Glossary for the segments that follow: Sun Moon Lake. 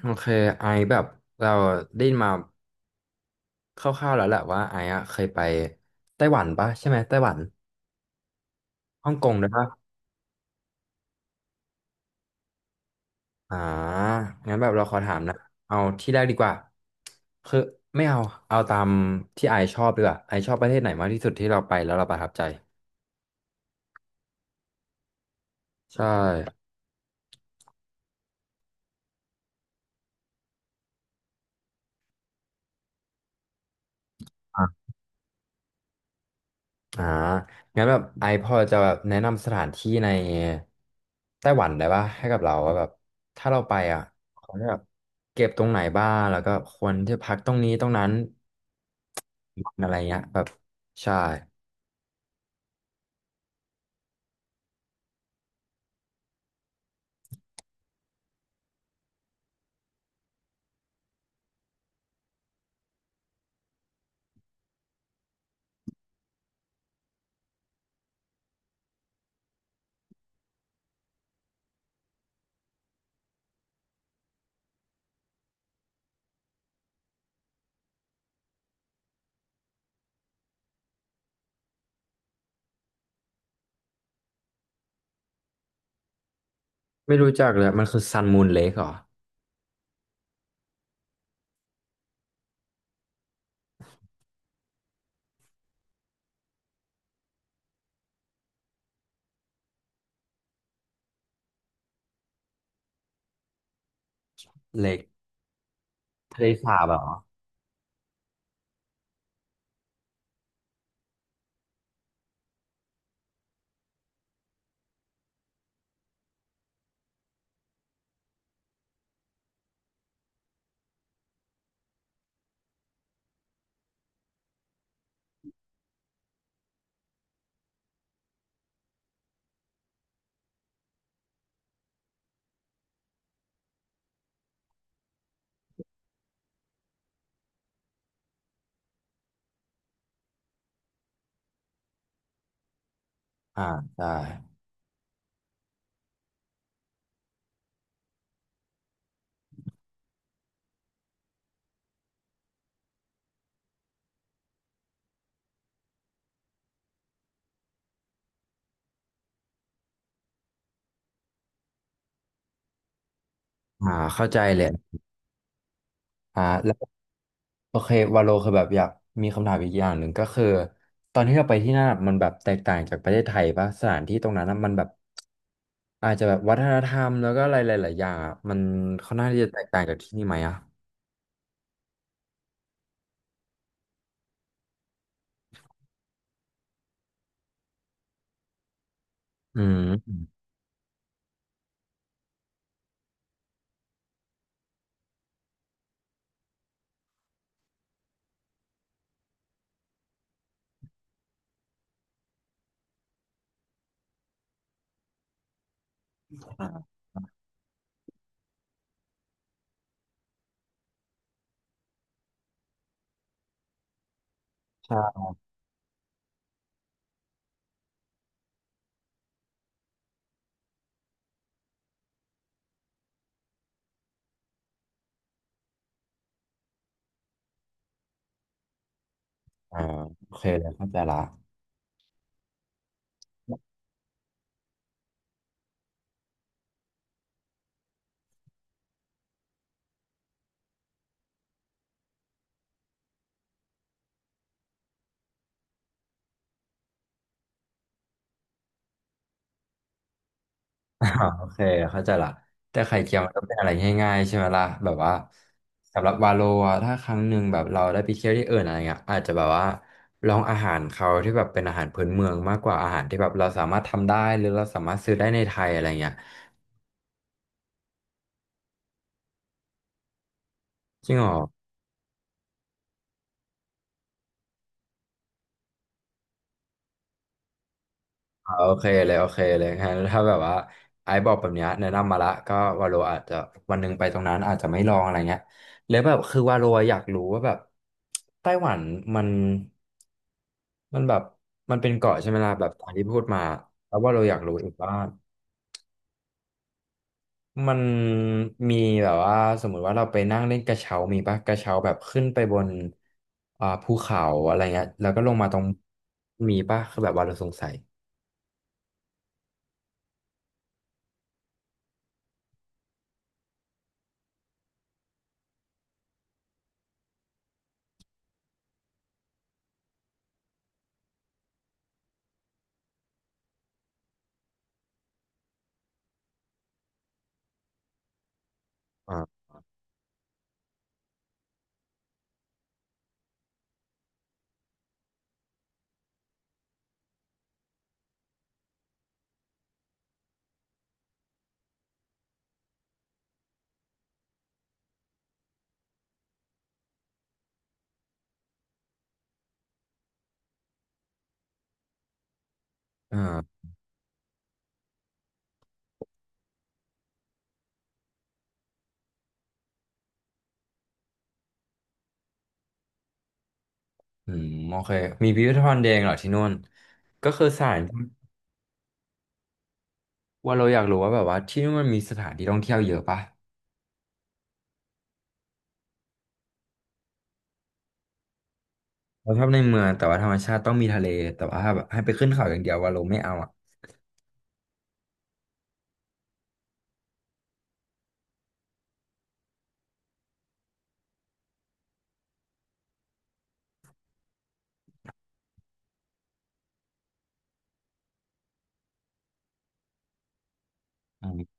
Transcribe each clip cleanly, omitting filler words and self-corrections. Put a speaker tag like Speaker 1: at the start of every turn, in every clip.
Speaker 1: โอเคไอแบบเราได้ยินมาคร่าวๆแล้วแหละว่าไออะเคยไปไต้หวันปะใช่ไหมไต้หวันฮ่องกงด้วยปะอ่างั้นแบบเราขอถามนะเอาที่แรกดีกว่าคือไม่เอาเอาตามที่ไอชอบดีกว่าไอชอบประเทศไหนมากที่สุดที่เราไปแล้วเราประทับใจใช่ อ่างั้นแบบไอพอจะแบบแนะนำสถานที่ในไต้หวันได้ป่ะให้กับเราว่าแบบถ้าเราไปอ่ะเขาจะแบบเก็บตรงไหนบ้างแล้วก็ควรที่พักตรงนี้ตรงนั้นอะไรเงี้ยแบบใช่ไม่รู้จักเลยมันคือซันมูนเลคเหรอเลคทะเลสาบเหรออ่าใช่อ่าเข้าใจเลยอ่า โอเควาโลคือแบบอยากมีคำถามอีกอย่างหนึ่งก็คือตอนที่เราไปที่นั่นอะมันแบบแตกต่างจากประเทศไทยปะสถานที่ตรงนั้นอะมันแบบอาจจะแบบวัฒนธรรมแล้วก็อะไรหลายๆอย่างอะมันค่อนข้างที่จะแตกต่างจากที่นี่ไหมอ่ะอืมอืมใช่อ่าโอเคเลยเข้าใจละ อ่าโอเคเข้าใจละแต่ไข่เจียวมันก็เป็นอะไรง่ายๆใช่ไหมล่ะแบบว่าสำหรับวาโลอะถ้าครั้งหนึ่งแบบเราได้ไปเที่ยวที่อื่นอะไรเงี้ยอาจจะแบบว่าลองอาหารเขาที่แบบเป็นอาหารพื้นเมืองมากกว่าอาหารที่แบบเราสามารถทำได้หรือเราสามารถซื้อได้ในไทยอะไรเงี้ยจริงเหรอ อโอเคเลยโอเคเลยงั้นถ้าแบบว่าไอ้บอกแบบเนี้ยแนะนำมาละก็วาโลอาจจะวันหนึ่งไปตรงนั้นอาจจะไม่ลองอะไรเงี้ยแล้วแบบคือวาโลอยากรู้ว่าแบบไต้หวันมันมันแบบมันเป็นเกาะใช่ไหมล่ะแบบตามที่พูดมาแล้วว่าเราอยากรู้อีกว่ามันมีแบบว่าสมมุติว่าเราไปนั่งเล่นกระเช้ามีปะกระเช้าแบบขึ้นไปบนภูเขาอะไรเงี้ยแล้วก็ลงมาตรงมีปะคือแบบว่าเราสงสัยอ่า อืมโอเคมีพิพิธภัณฑ์แดงเหรอที่นู่นก็คือสถานว่าเราอยากรู้ว่าแบบว่าที่นู่นมันมีสถานที่ท่องเที่ยวเยอะปะเราชอบในเมืองแต่ว่าธรรมชาติต้องมีทะเลแต่ว่าถ้าแบบให้ไปขึ้นเขาอย่างเดียวว่าเราไม่เอาอ่ะอืม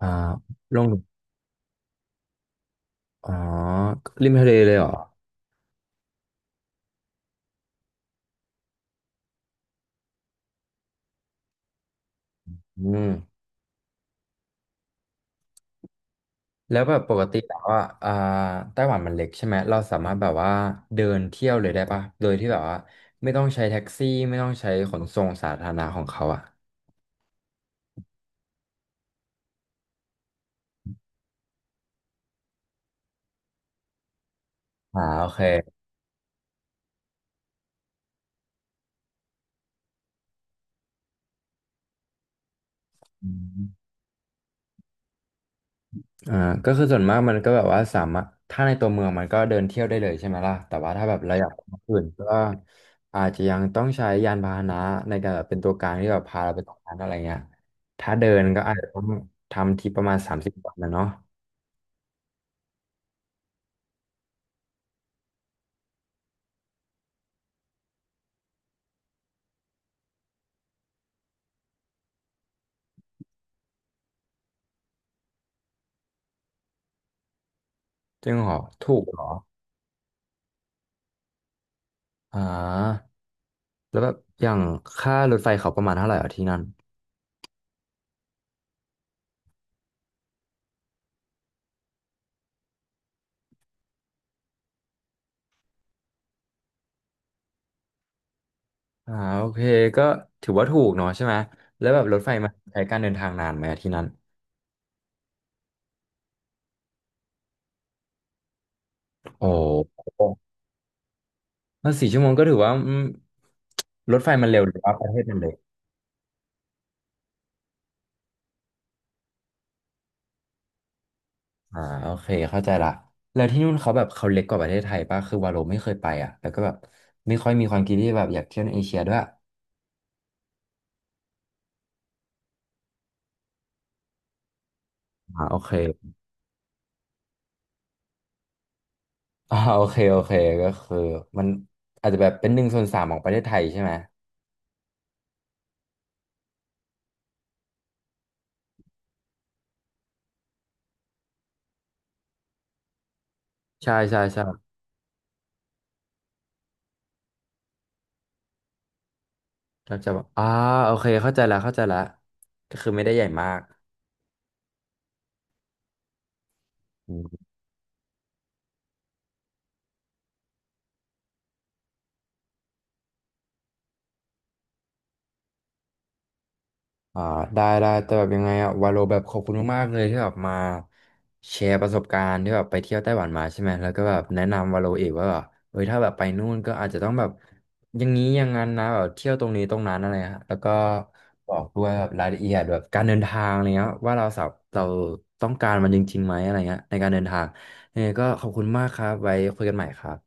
Speaker 1: อ่าลงอ๋อริมทะเลเลยเหรออืมแล้วแบบปกติแล้วว่าไต้หวันมันเล็กใช่ไหมเราสามารถแบบว่าเดินเที่ยวเลยได้ปะโดยที่แบบว่าไม่ต้องใช้แท็กซี่ไม่ต้องใช้ขนส่งสาธารณะของเขาอ่ะอ่าโอเค อ่าก็คือส่วนมากมันก็แบบว่าสามารถถ้าในตัวเมืองมันก็เดินเที่ยวได้เลยใช่ไหมล่ะแต่ว่าถ้าแบบเราอยากไปที่อื่นก็อาจจะยังต้องใช้ยานพาหนะในการแบบเป็นตัวกลางที่แบบพาเราไปตรงนั้นอะไรเงี้ยถ้าเดินก็อาจจะต้องทำทริปประมาณ30วันนะเนาะจริงเหรอถูกเหรออ่าแล้วแบบอย่างค่ารถไฟเขาประมาณเท่าไหร่อ่ะอที่นั่นอ่าโอเคก็ถือว่าถูกเนาะใช่ไหมแล้วแบบรถไฟมันใช้การเดินทางนานไหมอะที่นั่นโอ้ แล้ว4 ชั่วโมงก็ถือว่าอืมรถไฟมันเร็วหรือว่าประเทศมันเร็วอ่าโอเคเข้าใจละแล้วที่นู่นเขาแบบเขาเล็กกว่าประเทศไทยป่ะคือวาโลไม่เคยไปอ่ะแล้วก็แบบไม่ค่อยมีความคิดที่แบบอยากเที่ยวในเอเชียด้วยอ่าโอเค อ่าโอเคโอเคก็คือมันอาจจะแบบเป็นหนึ่งส่วนสามของประเทศไทยใช่ไหมใช่ก็จะแบบอ่าโอเคเข้าใจละเข้าใจละก็คือไม่ได้ใหญ่มาก อ่าได้ได้แต่แบบยังไงอะวาโลแบบขอบคุณมากๆเลยที่แบบมาแชร์ประสบการณ์ที่แบบไปเที่ยวไต้หวันมาใช่ไหมแล้วก็แบบแนะนำวาโลเอกว่าแบบเอ้ยถ้าแบบไปนู่นก็อาจจะต้องแบบอย่างนี้อย่างนั้นนะแบบเที่ยวตรงนี้ตรงนั้นอะไรฮะแล้วก็บอกด้วยแบบรายละเอียดแบบการเดินทางอะไรเงี้ยว่าเราสาเราต้องการมันจริงๆไหมอะไรเงี้ยในการเดินทางยังไงก็ขอบคุณมากครับไว้คุยกันใหม่ครับ